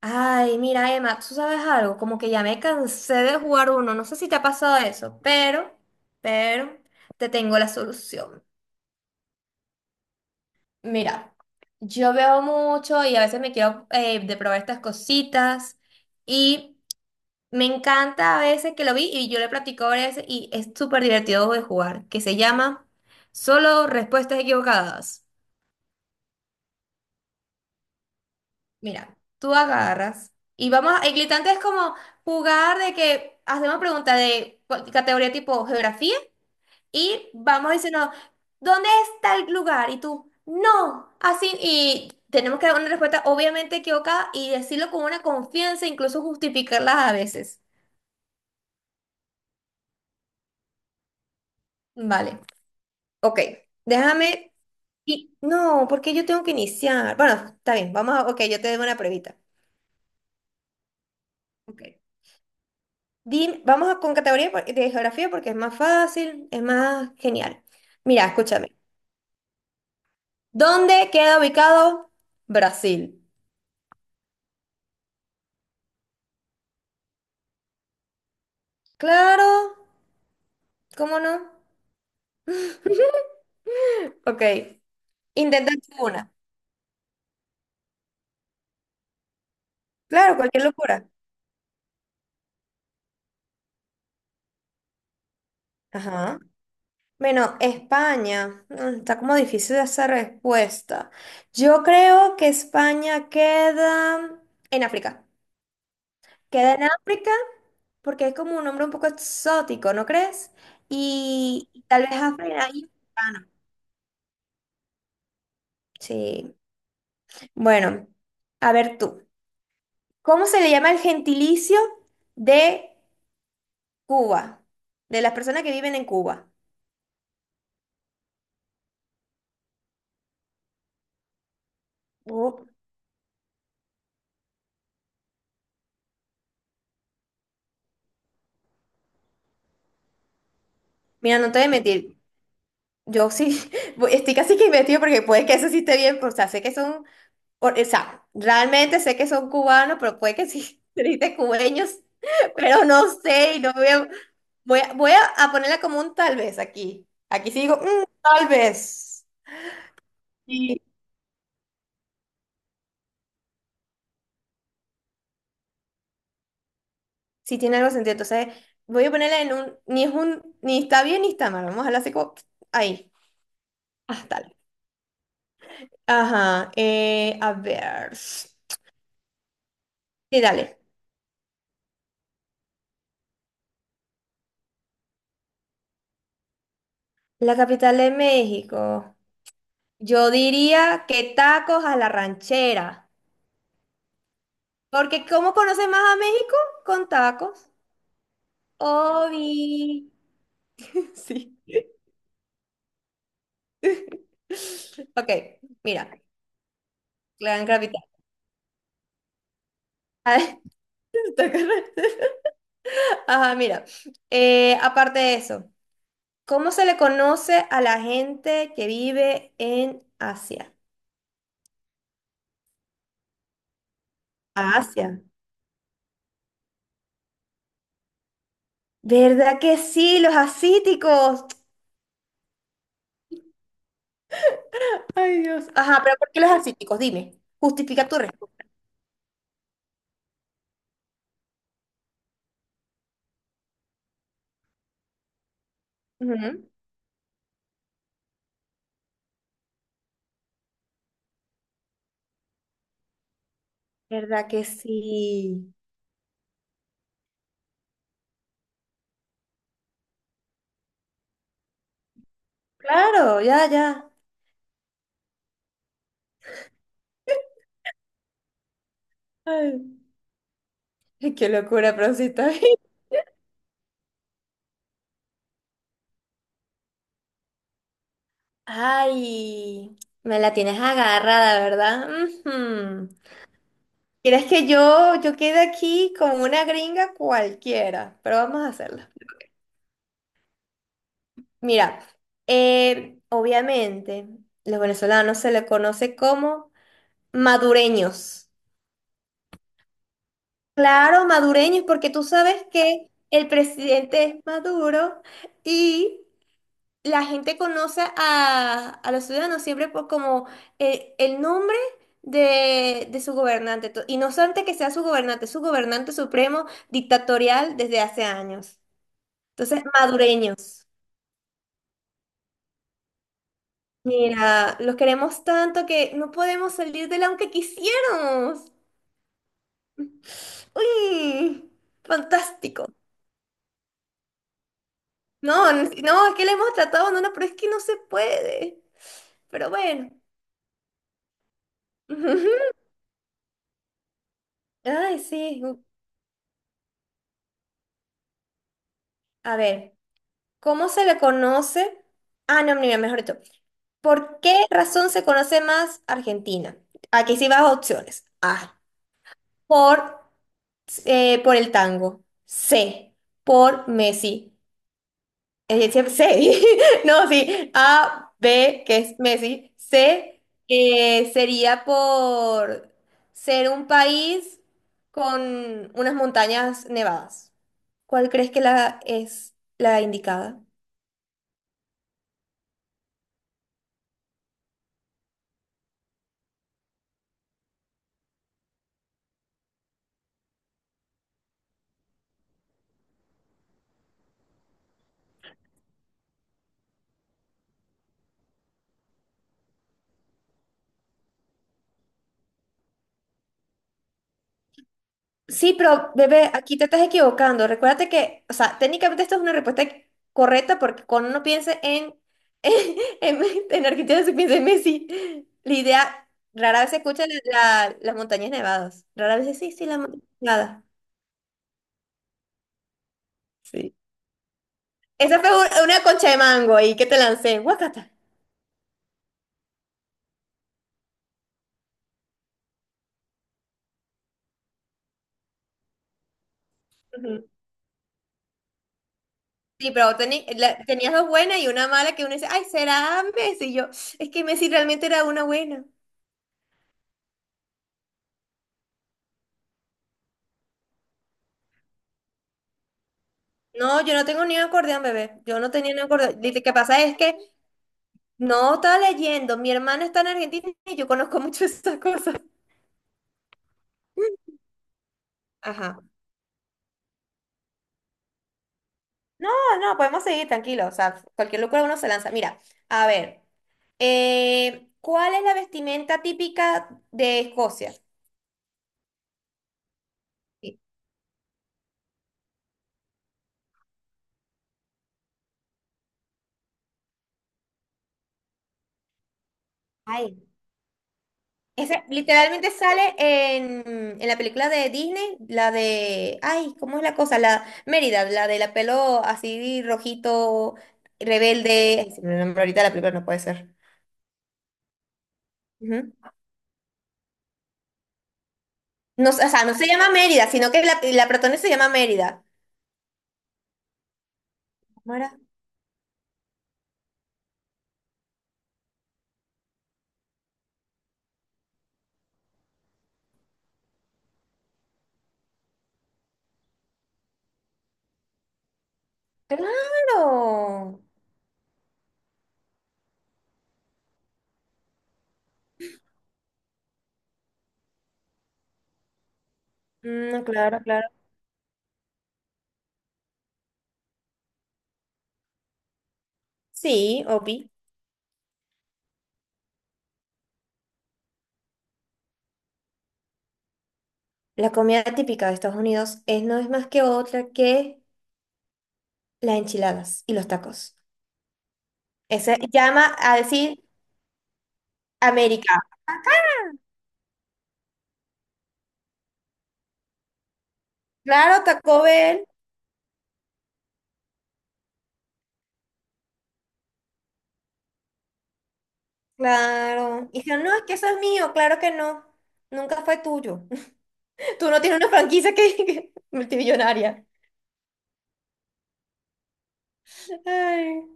Ay, mira, Emma, tú sabes algo, como que ya me cansé de jugar uno, no sé si te ha pasado eso, pero te tengo la solución. Mira, yo veo mucho y a veces me quedo de probar estas cositas y me encanta a veces que lo vi y yo le platico a veces y es súper divertido de jugar, que se llama Solo Respuestas Equivocadas. Mira, tú agarras y el glitante es como jugar de que hacemos preguntas de categoría tipo geografía y vamos diciendo, ¿dónde está el lugar? Y tú, no, así, y tenemos que dar una respuesta obviamente equivocada y decirlo con una confianza, incluso justificarla a veces. Vale, ok, déjame, y no, porque yo tengo que iniciar. Bueno, está bien, ok, yo te doy una previta. Ok. Con categoría de geografía porque es más fácil, es más genial. Mira, escúchame. ¿Dónde queda ubicado Brasil? Claro, ¿cómo no? Ok, intenta tú una. Claro, cualquier locura. Ajá. Bueno, España. Mm, está como difícil esa respuesta. Yo creo que España queda en África. Queda en África porque es como un nombre un poco exótico, ¿no crees? Y tal vez África y africano. Sí. Bueno, a ver tú. ¿Cómo se le llama el gentilicio de Cuba? De las personas que viven en Cuba. Oh, mira, no te voy a mentir. Yo sí, estoy casi que investigo porque puede que eso sí esté bien, pues, o sea, sé que son, o sea, realmente sé que son cubanos, pero puede que sí, dijiste cubeños, pero no sé y no veo. Voy a ponerla como un tal vez aquí. Aquí sí digo, "Mm, tal vez." Sí. Si tiene algo sentido. Entonces, voy a ponerla en un, ni es un, ni está bien ni está mal. Vamos a hablar así como, ahí. Ah, tal. Ajá. A ver. Sí, dale. La capital de México. Yo diría que tacos a la ranchera. Porque ¿cómo conoces más a México? Con tacos. Obi. Sí. Ok, mira. Gran capital. Ajá, mira. Aparte de eso, ¿cómo se le conoce a la gente que vive en Asia? A Asia. ¿Verdad que sí? ¿Los asiáticos? Ay, Dios. Ajá, pero ¿por qué los asiáticos? Dime. Justifica tu respuesta. Ujú. ¿Verdad que sí? Claro, ya, ya. Ay, qué locura, prosita. Ay, me la tienes agarrada, ¿verdad? Ujú. Quieres que yo quede aquí como una gringa cualquiera, pero vamos a hacerlo. Mira, obviamente, los venezolanos se les conoce como madureños. Claro, madureños, porque tú sabes que el presidente es Maduro y la gente conoce a los ciudadanos siempre por como el nombre de su gobernante. Y no solamente que sea su gobernante supremo dictatorial desde hace años. Entonces, madureños, mira, los queremos tanto que no podemos salir de él aunque quisiéramos. Uy, fantástico. No, no, es que le hemos tratado, no, no, pero es que no se puede. Pero bueno. Ay, sí. A ver, ¿cómo se le conoce? Ah, no, mira, mejor dicho. ¿Por qué razón se conoce más Argentina? Aquí sí vas a opciones. A, por por el tango. C, por Messi. Es decir, C. No, sí. A, B, que es Messi. C, sería por ser un país con unas montañas nevadas. ¿Cuál crees que la es la indicada? Sí, pero bebé, aquí te estás equivocando. Recuérdate que, o sea, técnicamente esto es una respuesta correcta porque cuando uno piensa en, en, en Argentina se piensa en Messi. La idea, rara vez se escucha las montañas nevadas. Rara vez sí, sí, las montañas nevadas. Sí. Esa fue una concha de mango ahí que te lancé. Guacata. Ujú. Sí, pero tenías dos buenas y una mala que uno dice, ay, será Messi. Y yo, es que Messi realmente era una buena. No, yo no tengo ni un acordeón, bebé. Yo no tenía ni un acordeón. Lo que pasa es que no estaba leyendo. Mi hermano está en Argentina y yo conozco mucho esas cosas. Ajá. No, no, podemos seguir tranquilos. O sea, cualquier locura uno se lanza. Mira, a ver. ¿Cuál es la vestimenta típica de Escocia? Sí. Ay, ese literalmente sale en la película de Disney, la de, ay, ¿cómo es la cosa? La Mérida, la de la pelo así rojito, rebelde. Ay, se me nombró ahorita la película, no puede ser. Ujú. No, o sea, no se llama Mérida, sino que la protagonista se llama Mérida. ¿Cómo era? ¡Claro! Mm, claro, claro. Sí, obvi. La comida típica de Estados Unidos es, no es más que otra que las enchiladas y los tacos. Ese llama a decir América. Claro, Taco Bell, claro. Y dijeron, no, es que eso es mío, claro que no. Nunca fue tuyo. Tú no tienes una franquicia multimillonaria. Ay.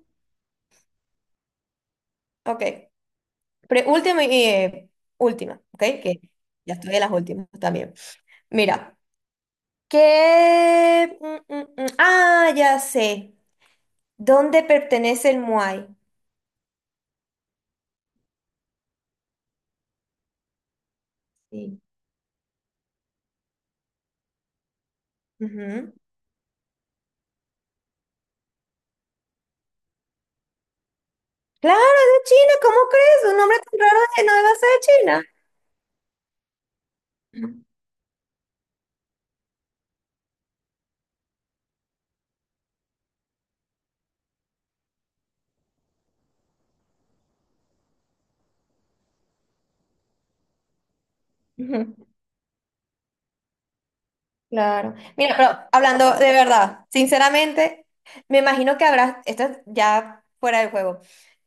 Ok. Última y última, ¿ok? Que ya estoy en las últimas también. Mira, ¿qué? Mm. Ah, ya sé. ¿Dónde pertenece el Muay? Sí. Ujú. Claro, es de China, ¿cómo crees? Un nombre tan raro que no debe ser de China. Ujú. Claro. Mira, pero hablando de verdad, sinceramente, me imagino que habrás, esto es ya fuera del juego,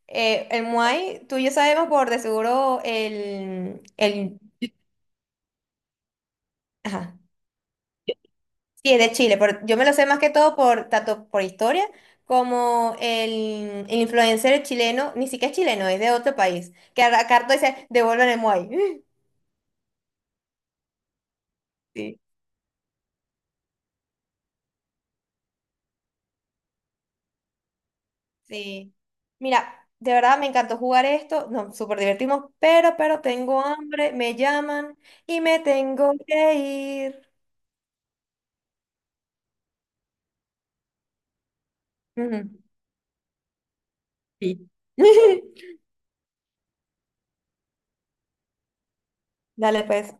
el Muay, tú y yo sabemos por de seguro el, ajá, sí, es de Chile, pero yo me lo sé más que todo por, tanto por historia como el influencer chileno, ni siquiera es chileno, es de otro país, que a Carto dice, devuelven el Muay. Sí. Sí. Mira, de verdad me encantó jugar esto. No, súper divertimos, pero tengo hambre, me llaman y me tengo que ir. Ujú. Sí. Dale, pues.